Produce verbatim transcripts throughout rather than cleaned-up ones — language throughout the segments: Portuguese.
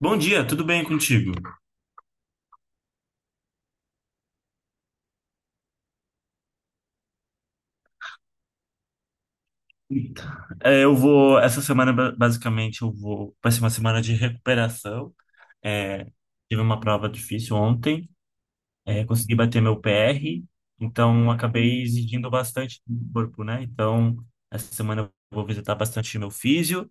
Bom dia, tudo bem contigo? Então, é, eu vou, essa semana ba- basicamente eu vou, vai ser uma semana de recuperação. É, tive uma prova difícil ontem, é, consegui bater meu P R, então acabei exigindo bastante do corpo, né? Então, essa semana eu vou visitar bastante meu físio.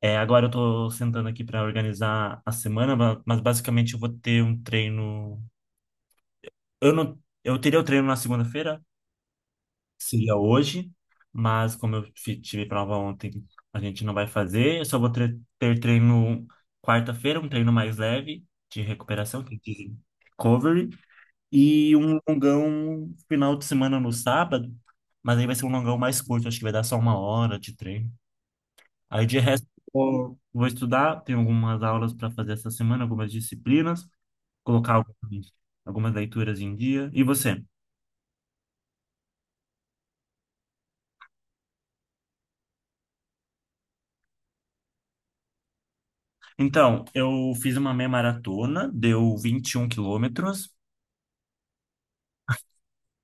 É, agora eu tô sentando aqui para organizar a semana, ba- mas basicamente eu vou ter um treino. Eu não, eu teria o treino na segunda-feira, seria hoje, mas como eu fi- tive prova ontem, a gente não vai fazer. Eu só vou tre- ter treino quarta-feira, um treino mais leve de recuperação, que dizem recovery, e um longão final de semana no sábado, mas aí vai ser um longão mais curto, acho que vai dar só uma hora de treino. Aí de resto, vou, vou estudar, tenho algumas aulas para fazer essa semana, algumas disciplinas, colocar algumas, algumas leituras em dia. E você? Então, eu fiz uma meia maratona, deu vinte e um quilômetros.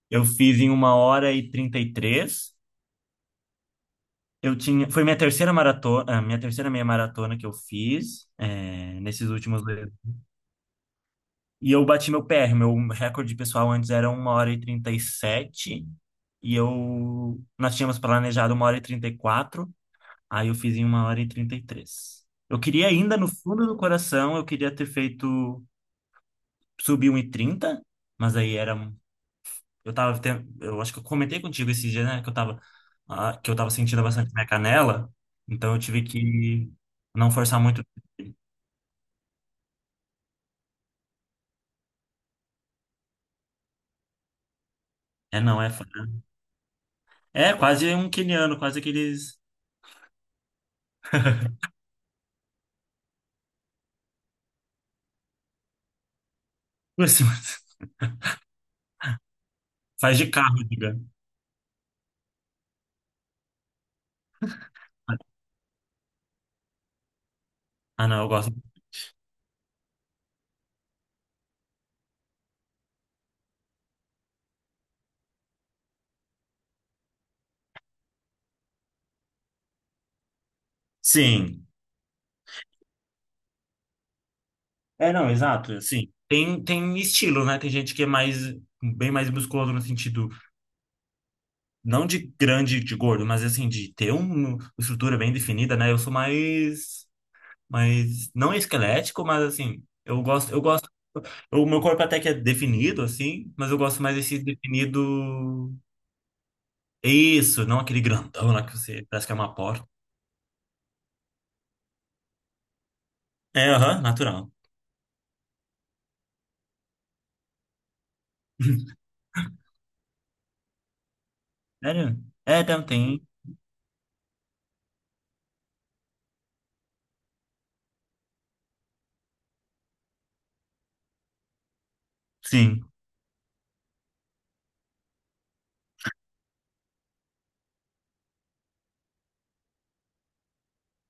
Eu fiz em uma hora e trinta e três. Eu tinha, foi minha terceira maratona, a minha terceira meia maratona que eu fiz, é, nesses últimos dois. E eu bati meu P R, meu recorde pessoal antes era uma hora e trinta e sete, e eu, nós tínhamos planejado uma hora e trinta e quatro. Aí eu fiz em uma hora e trinta e três. Eu queria ainda, no fundo do coração, eu queria ter feito, subir um e trinta, mas aí era... Eu tava, ten- eu acho que eu comentei contigo esse dia, né, que eu tava, ah, que eu tava sentindo bastante minha canela, então eu tive que não forçar muito. É, não, é, fa- é quase um quiniano, quase aqueles, faz de carro, diga. Ah, não, eu gosto. Sim. É, não, exato, assim. Tem, tem estilo, né? Tem gente que é mais, bem mais musculoso no sentido, não de grande, de gordo, mas assim, de ter um, uma estrutura bem definida, né? Eu sou mais, mais, não esquelético, mas assim, eu gosto, eu gosto O meu corpo até que é definido, assim, mas eu gosto mais desse definido. Isso, não aquele grandão lá que você parece que é uma porta. É, aham, natural. Sério? É, tem, tem. Sim,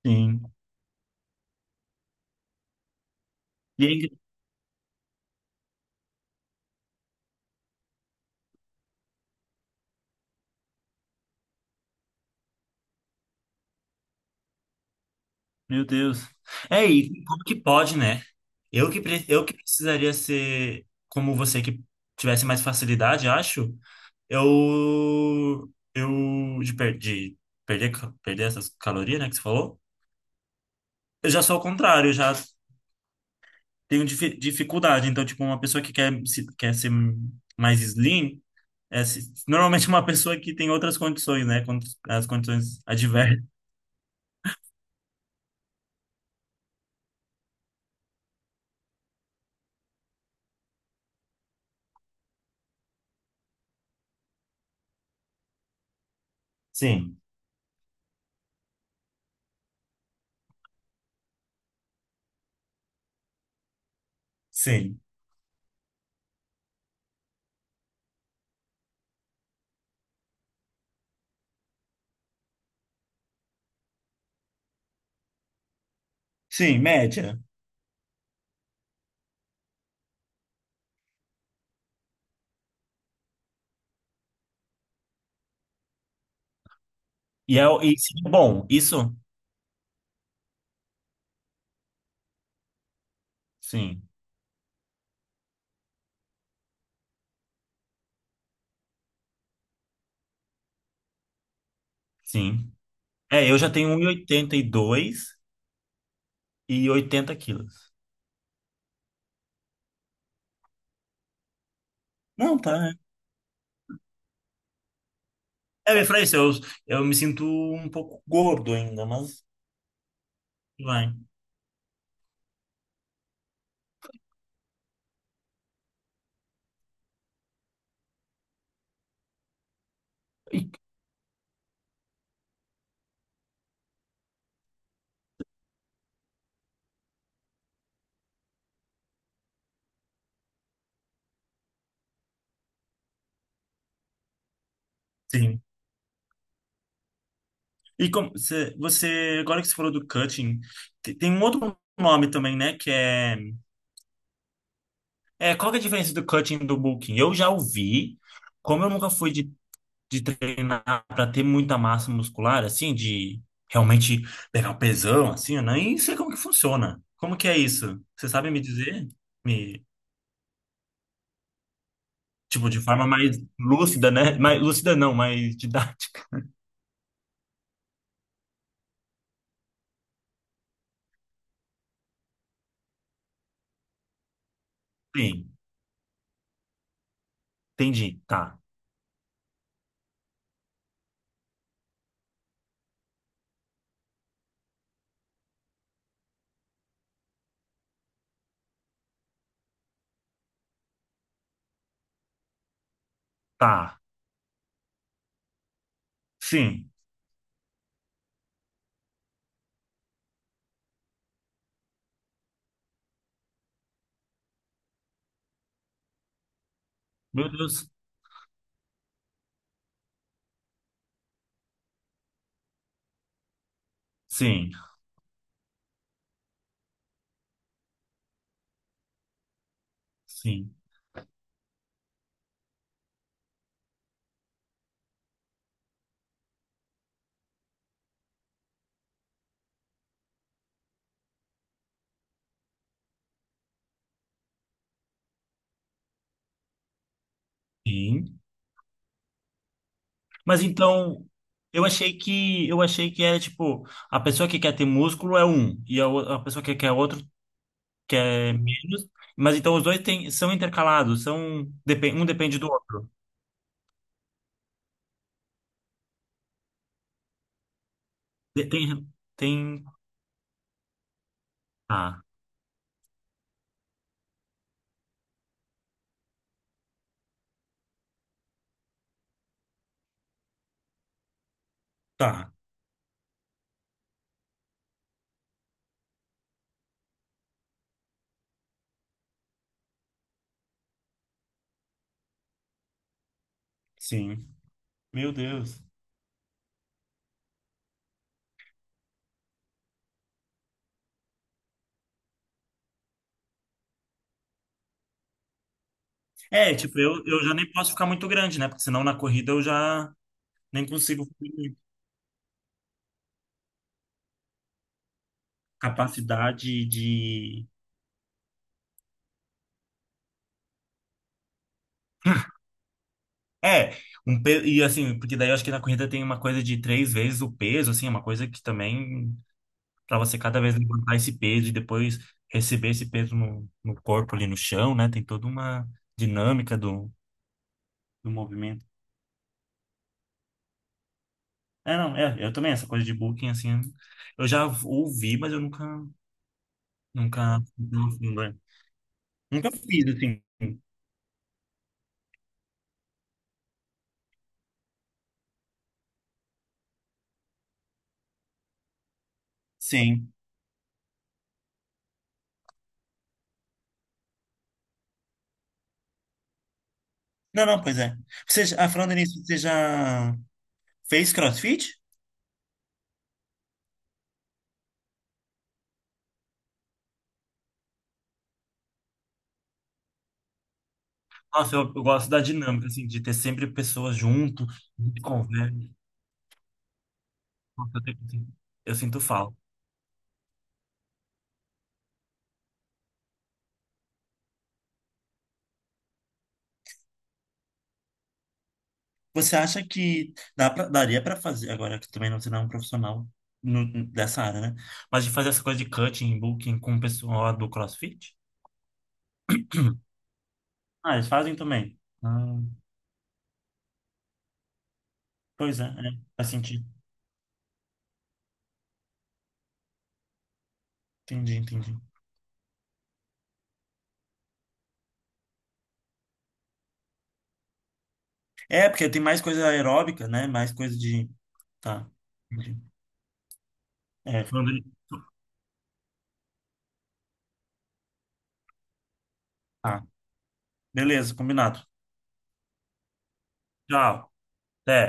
sim. E aí, meu Deus. É, e como que pode, né? Eu que, pre- eu que precisaria ser como você que tivesse mais facilidade, acho. Eu. Eu. De, per- de perder, ca- perder essas calorias, né, que você falou. Eu já sou o contrário, eu já tenho difi- dificuldade. Então, tipo, uma pessoa que quer, se- quer ser mais slim, é se- normalmente uma pessoa que tem outras condições, né? Quando as condições adversas. Sim, sim. Sim, média. E é o- e seria bom, isso? Sim, sim. É, eu já tenho um e oitenta e dois e oitenta quilos. Não, tá, né? É, eu falei isso, eu, eu me sinto um pouco gordo ainda, mas vai. Sim. E como você, você- agora que você falou do cutting, te- tem um outro nome também, né? Que é, é qual que é a diferença do cutting e do booking. Eu já ouvi, como eu nunca fui de, de treinar para ter muita massa muscular, assim, de realmente pegar um pesão, assim, eu nem sei como que funciona. Como que é isso? Você sabe me dizer? Me, tipo, de forma mais lúcida, né? Mais lúcida não, mais didática. Sim, entendi. Tá, tá. Sim. Meu Deus. Sim, sim. Sim. Mas então, eu achei que eu achei que era tipo, a pessoa que quer ter músculo é um, e a, o- a pessoa que quer outro quer menos, mas então os dois têm são intercalados, são depen- um depende do outro. De- Tem tem ah, tá. Sim. Meu Deus. É, tipo, eu, eu já nem posso ficar muito grande, né? Porque senão na corrida eu já nem consigo fazer capacidade de... É, um pe... e assim, porque daí eu acho que na corrida tem uma coisa de três vezes o peso, assim, é uma coisa que também para você cada vez levantar esse peso e depois receber esse peso no, no corpo ali no chão, né? Tem toda uma dinâmica do, do movimento. É, não, é, eu também, essa coisa de booking, assim, eu já ouvi, mas eu nunca, nunca, nunca, nunca fiz, assim, sim. Não, não, pois é. Você, já- ah, falando nisso, você já fez CrossFit? Nossa, eu, eu gosto da dinâmica, assim, de ter sempre pessoas junto, de conversa. Nossa, eu, tenho- eu sinto falta. Você acha que dá pra, daria para fazer, agora que também não, você não é um profissional no- dessa área, né? Mas de fazer essa coisa de cutting, booking com o pessoal do CrossFit? Ah, eles fazem também. Ah, pois é, é, faz sentido. Entendi, entendi. É, porque tem mais coisa aeróbica, né? Mais coisa de. Tá. Entendi. É, falando de. Tá. Beleza, combinado. Tchau. Até.